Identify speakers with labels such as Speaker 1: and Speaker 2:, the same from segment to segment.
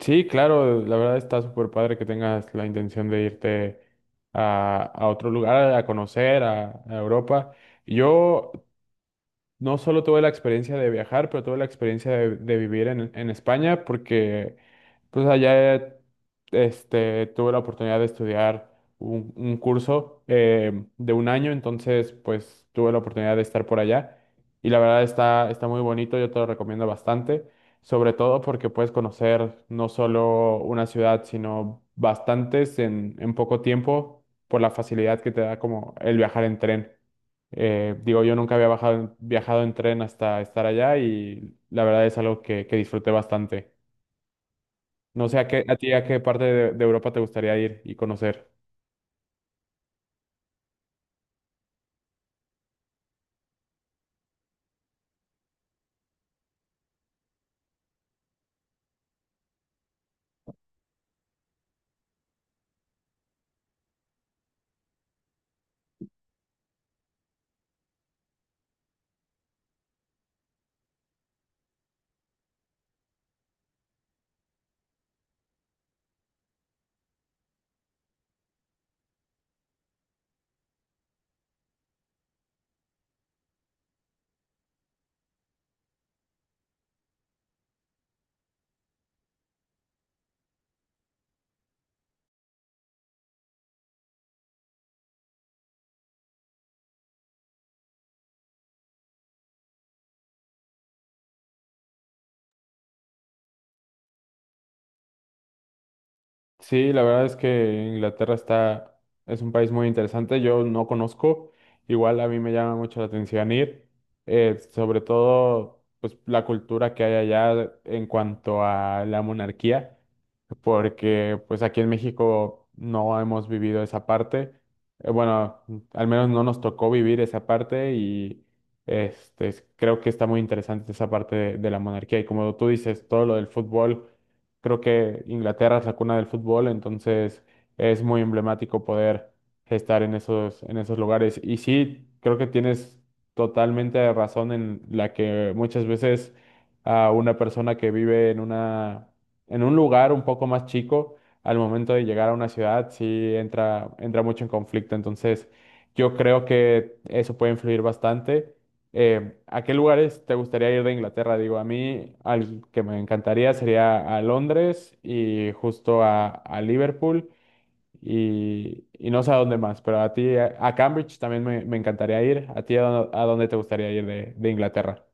Speaker 1: Sí, claro, la verdad está súper padre que tengas la intención de irte a otro lugar, a conocer, a Europa. Yo no solo tuve la experiencia de viajar, pero tuve la experiencia de vivir en España porque pues allá tuve la oportunidad de estudiar un curso de un año, entonces pues tuve la oportunidad de estar por allá y la verdad está muy bonito, yo te lo recomiendo bastante, sobre todo porque puedes conocer no solo una ciudad, sino bastantes en poco tiempo por la facilidad que te da como el viajar en tren. Digo, yo nunca viajado en tren hasta estar allá y la verdad es algo que disfruté bastante. No sé a ti a qué parte de Europa te gustaría ir y conocer. Sí, la verdad es que es un país muy interesante. Yo no conozco, igual a mí me llama mucho la atención Sobre todo pues la cultura que hay allá en cuanto a la monarquía, porque pues aquí en México no hemos vivido esa parte. Bueno, al menos no nos tocó vivir esa parte y creo que está muy interesante esa parte de la monarquía. Y como tú dices, todo lo del fútbol, creo que Inglaterra es la cuna del fútbol, entonces es muy emblemático poder estar en en esos lugares. Y sí, creo que tienes totalmente razón en la que muchas veces a una persona que vive en un lugar un poco más chico, al momento de llegar a una ciudad, sí entra mucho en conflicto. Entonces, yo creo que eso puede influir bastante. ¿A qué lugares te gustaría ir de Inglaterra? Digo, a mí, al que me encantaría sería a Londres y justo a Liverpool y no sé a dónde más, pero a ti, a Cambridge también me encantaría ir. ¿A ti a dónde te gustaría ir de Inglaterra?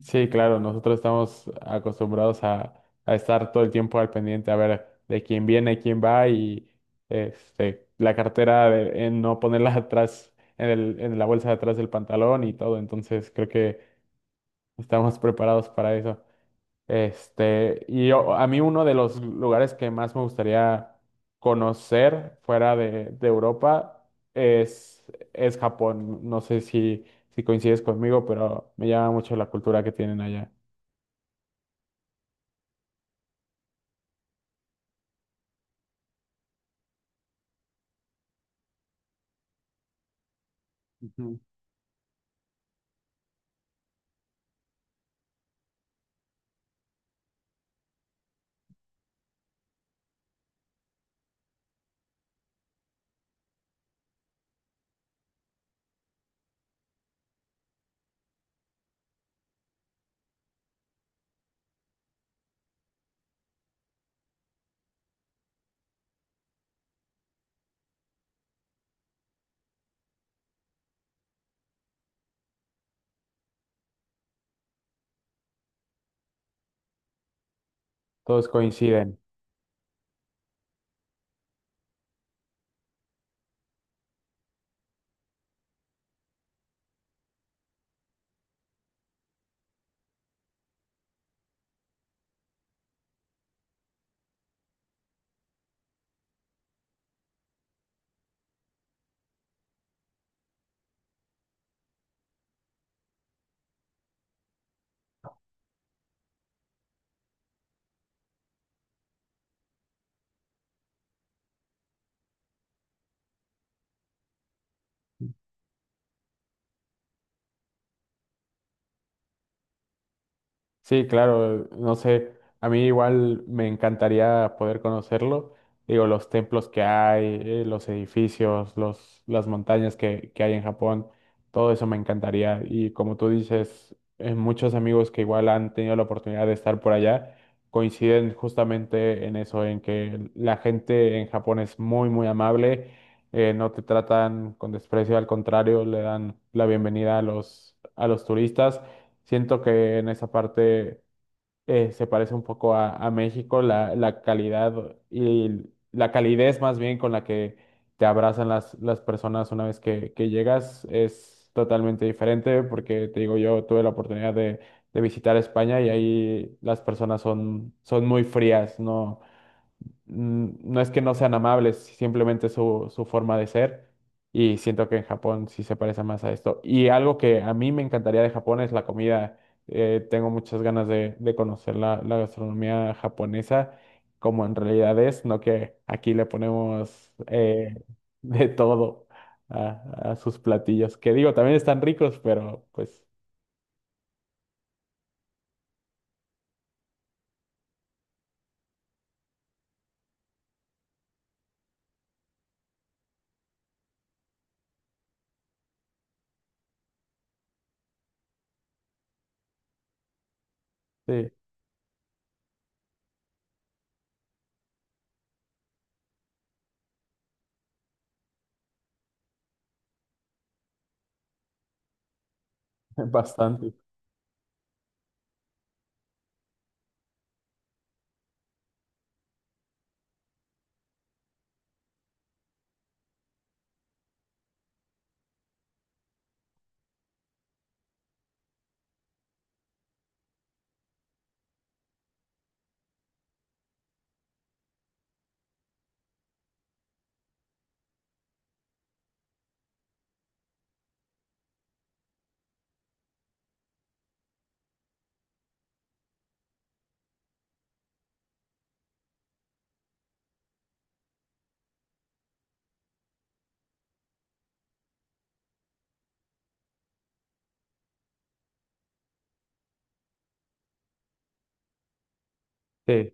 Speaker 1: Sí, claro, nosotros estamos acostumbrados a estar todo el tiempo al pendiente, a ver de quién viene, quién va y la cartera, de- en no ponerla atrás, en la bolsa de atrás del pantalón y todo. Entonces creo que estamos preparados para eso. A mí uno de los lugares que más me gustaría conocer fuera de Europa es, es Japón. No sé si coincides conmigo, pero me llama mucho la cultura que tienen allá. Ujú. Todos coinciden. Sí, claro, no sé, a mí igual me encantaría poder conocerlo. Digo, los templos que hay, los edificios, las montañas que hay en Japón, todo eso me encantaría. Y como tú dices, muchos amigos que igual han tenido la oportunidad de estar por allá coinciden justamente en eso, en que la gente en Japón es muy amable. No te tratan con desprecio, al contrario, le dan la bienvenida a a los turistas. Siento que en esa parte se parece un poco a México. La calidad y la calidez más bien con la que te abrazan las personas una vez que llegas es totalmente diferente, porque te digo, yo tuve la oportunidad de visitar España y ahí las personas son muy frías, ¿no? No es que no sean amables, simplemente su forma de ser. Y siento que en Japón sí se parece más a esto. Y algo que a mí me encantaría de Japón es la comida. Tengo muchas ganas de conocer la gastronomía japonesa, como en realidad es, no que aquí le ponemos de todo a sus platillos, que digo, también están ricos, pero pues sí, bastante. Sí,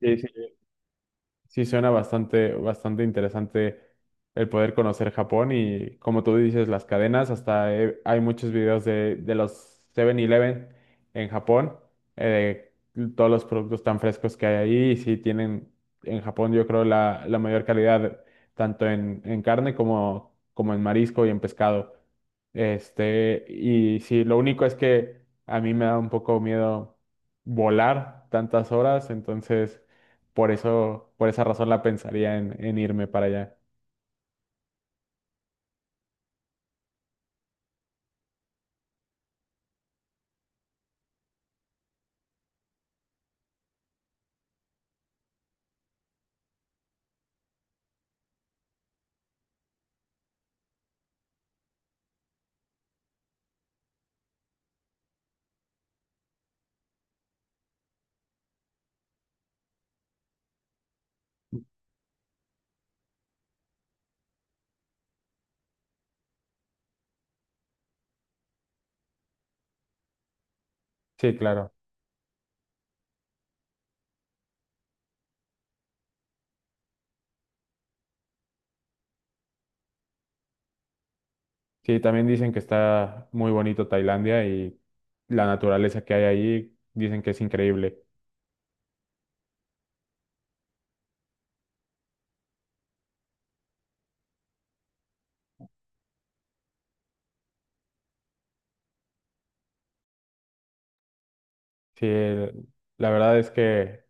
Speaker 1: sí, sí. Sí, suena bastante, bastante interesante el poder conocer Japón y como tú dices, las cadenas, hay muchos videos de los 7-Eleven en Japón, de todos los productos tan frescos que hay ahí y sí tienen en Japón yo creo la, la mayor calidad tanto en carne como en marisco y en pescado. Y sí, lo único es que a mí me da un poco miedo volar tantas horas, entonces... Por eso, por esa razón la pensaría en irme para allá. Sí, claro. Sí, también dicen que está muy bonito Tailandia y la naturaleza que hay allí dicen que es increíble. Sí, el- la verdad es que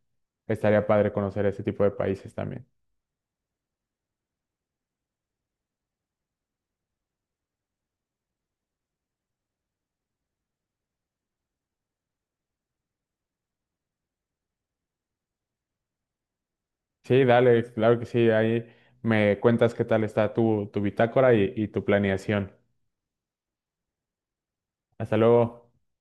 Speaker 1: estaría padre conocer ese tipo de países también. Sí, dale, claro que sí. Ahí me cuentas qué tal está tu bitácora y tu planeación. Hasta luego.